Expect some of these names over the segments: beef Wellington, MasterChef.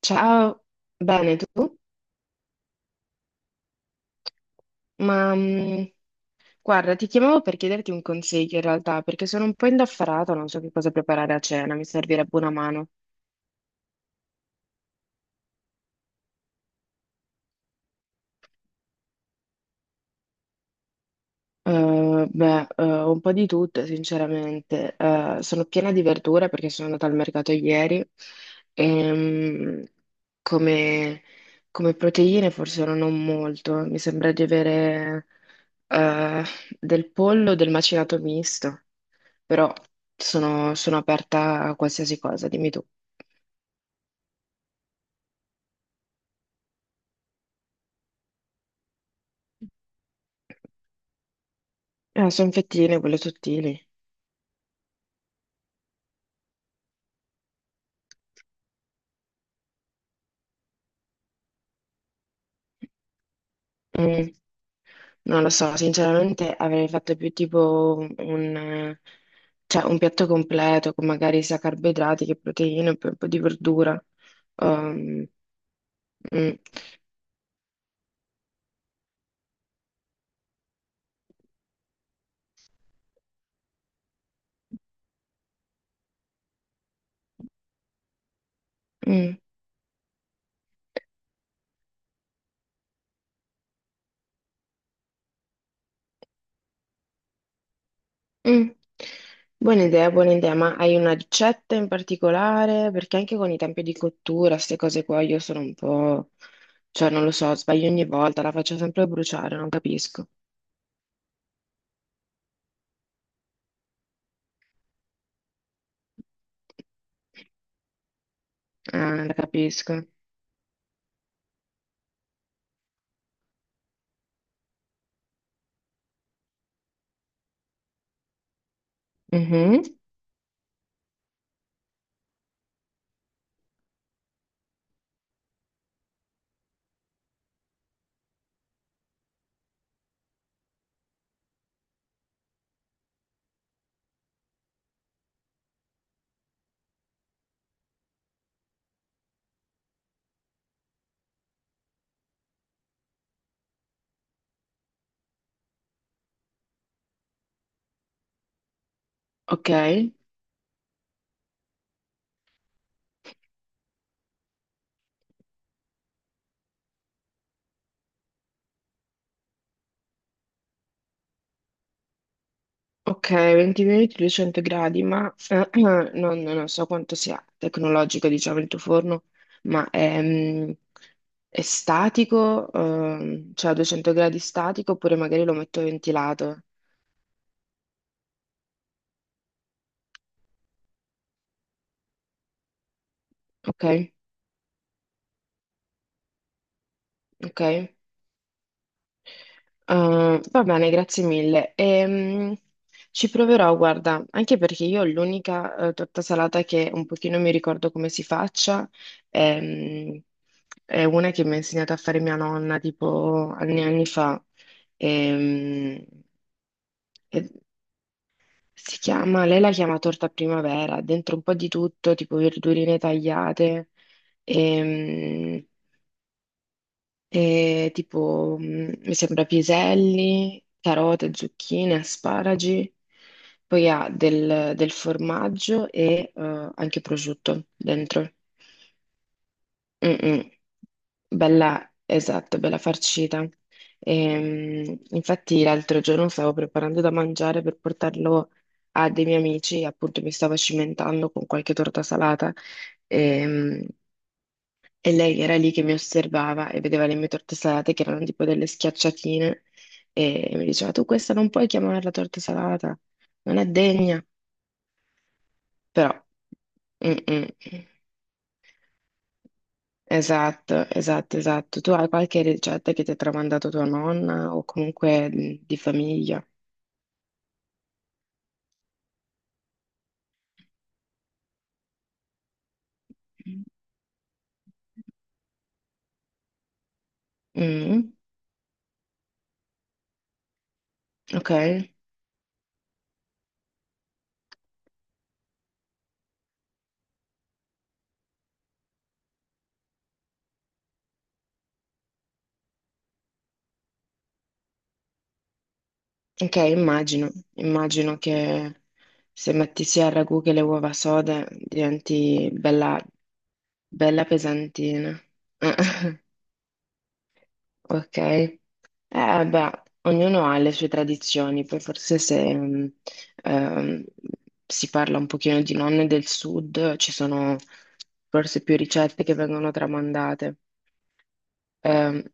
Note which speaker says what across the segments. Speaker 1: Ciao, bene tu? Ma mm, guarda, ti chiamavo per chiederti un consiglio in realtà, perché sono un po' indaffarata, non so che cosa preparare a cena, mi servirebbe una mano. Un po' di tutto, sinceramente. Sono piena di verdure perché sono andata al mercato ieri e come, come proteine forse non ho molto, mi sembra di avere eh, del pollo, del macinato misto. Però sono aperta a qualsiasi cosa, dimmi tu. Ah, sono fettine, quelle sottili. Mm, non lo so, sinceramente avrei fatto più tipo un piatto completo con magari sia carboidrati che proteine, e poi un po' di verdura. Um, mm, mm, mm. Buona idea, ma hai una ricetta in particolare? Perché anche con i tempi di cottura, queste cose qua, io sono un po', non lo so, sbaglio ogni volta, la faccio sempre bruciare, non capisco. Ah, capisco. Mhm. Ok, ok, 20 minuti, 200 gradi, ma non so quanto sia tecnologico, diciamo, il tuo forno, ma è statico, cioè a 200 gradi statico, oppure magari lo metto ventilato. Ok, ok. Va bene, grazie mille. Ci proverò, guarda, anche perché io l'unica torta salata che un pochino mi ricordo come si faccia ehm, è una che mi ha insegnato a fare mia nonna tipo anni e anni fa. Ehm, e si chiama, lei la chiama torta primavera, dentro un po' di tutto, tipo verdurine tagliate. Ehm, E tipo, mi sembra piselli, carote, zucchine, asparagi, poi ha del formaggio e anche prosciutto dentro. Mm-mm. Bella, esatto, bella farcita. Infatti l'altro giorno stavo preparando da mangiare per portarlo a dei miei amici, appunto mi stavo cimentando con qualche torta salata. Ehm, e lei era lì che mi osservava e vedeva le mie torte salate che erano tipo delle schiacciatine e mi diceva tu questa non puoi chiamarla torta salata, non è degna. Però, mm, mm. Esatto, esatto, esatto. Tu hai qualche ricetta che ti ha tramandato tua nonna o comunque di famiglia? Mm, ok, ok, immagino, immagino che se metti sia il ragù che le uova sode diventi bella, bella pesantina. Ok, beh, ognuno ha le sue tradizioni, poi forse se ehm, si parla un pochino di nonne del sud, ci sono forse più ricette che vengono tramandate. Ehm,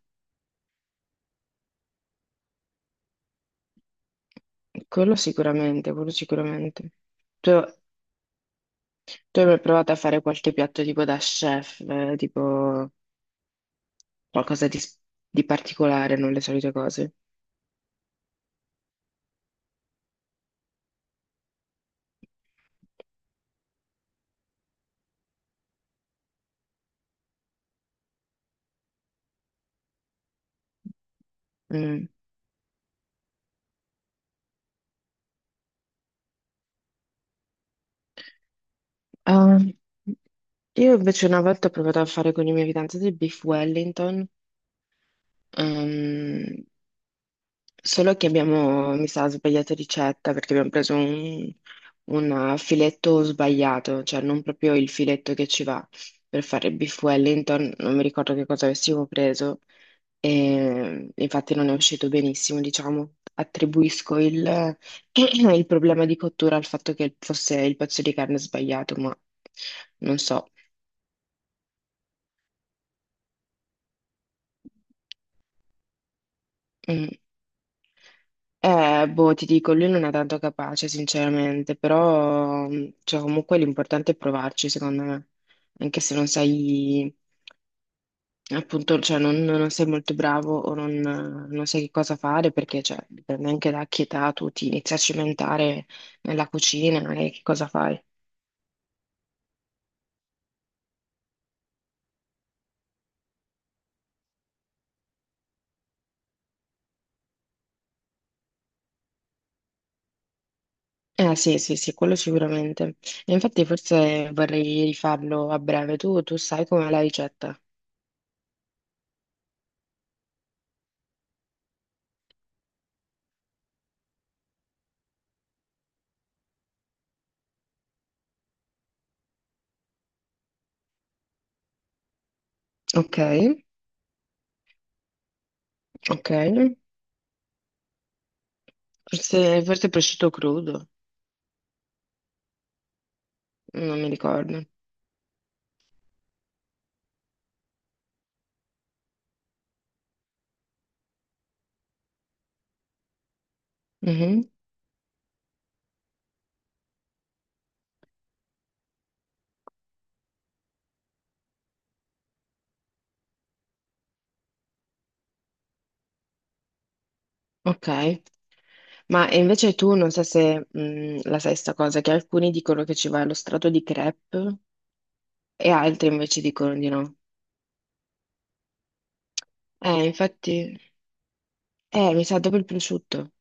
Speaker 1: Quello sicuramente, quello sicuramente. Tu, tu hai mai provato a fare qualche piatto tipo da chef, tipo qualcosa di particolare, non le solite cose? Mm. Ah, io invece una volta ho provato a fare con i miei fidanzati del beef Wellington, ehm, solo che abbiamo, mi sa, sbagliato ricetta perché abbiamo preso un filetto sbagliato, cioè non proprio il filetto che ci va per fare il beef Wellington, non mi ricordo che cosa avessimo preso e infatti non è uscito benissimo, diciamo. Attribuisco il problema di cottura al fatto che fosse il pezzo di carne sbagliato, ma non so. Mm. Boh, ti dico, lui non è tanto capace, sinceramente, però cioè, comunque l'importante è provarci, secondo me, anche se non sai, appunto, cioè, non sei molto bravo o non sai che cosa fare, perché cioè, dipende anche da che età tu ti inizi a cimentare nella cucina e che cosa fai. Eh sì, sì, sì, quello sicuramente. E infatti forse vorrei rifarlo a breve. Tu sai com'è la ricetta? Ok, ok. Forse, forse prosciutto crudo. Non mi ricordo. Mhm, ok. Ma e invece tu non so se la sai sta cosa, che alcuni dicono che ci va lo strato di crepe e altri invece dicono di no. Infatti, mi sa dopo il prosciutto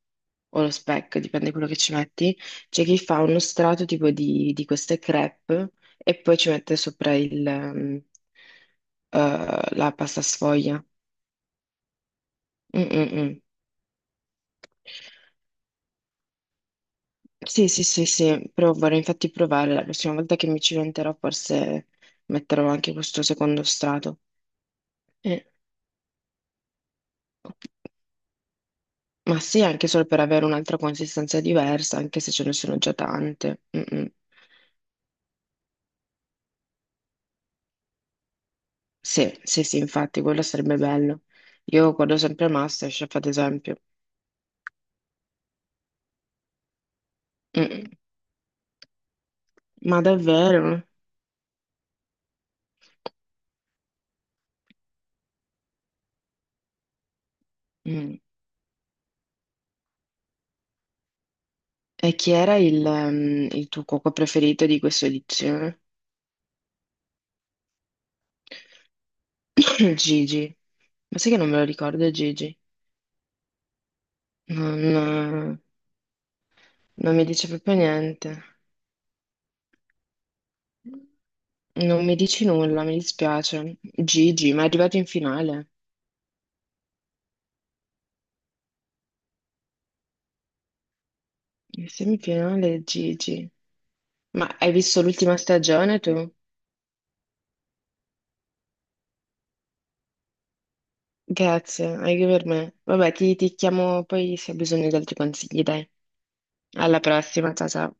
Speaker 1: o lo speck, dipende da quello che ci metti. C'è chi fa uno strato tipo di queste crepe e poi ci mette sopra la pasta sfoglia. Mm, mm, mm. Sì, sì, sì, sì, però vorrei infatti provare la prossima volta che mi ci cimenterò, forse metterò anche questo secondo strato. Eh, Ma sì, anche solo per avere un'altra consistenza diversa, anche se ce ne sono già tante. Mm, mm. Sì, sì, sì, infatti, quello sarebbe bello. Io guardo sempre MasterChef, ad esempio. Mm, ma davvero? Mm. E chi era il tuo cuoco preferito di questa edizione? Gigi. Ma sai che non me lo ricordo, Gigi? Non, Non mi dice proprio niente. Non mi dici nulla, mi dispiace. Gigi, ma è arrivato in finale. In semifinale, Gigi. Ma hai visto l'ultima stagione tu? Grazie, anche per me. Vabbè, ti chiamo poi se hai bisogno di altri consigli, dai. Alla prossima, ciao ciao.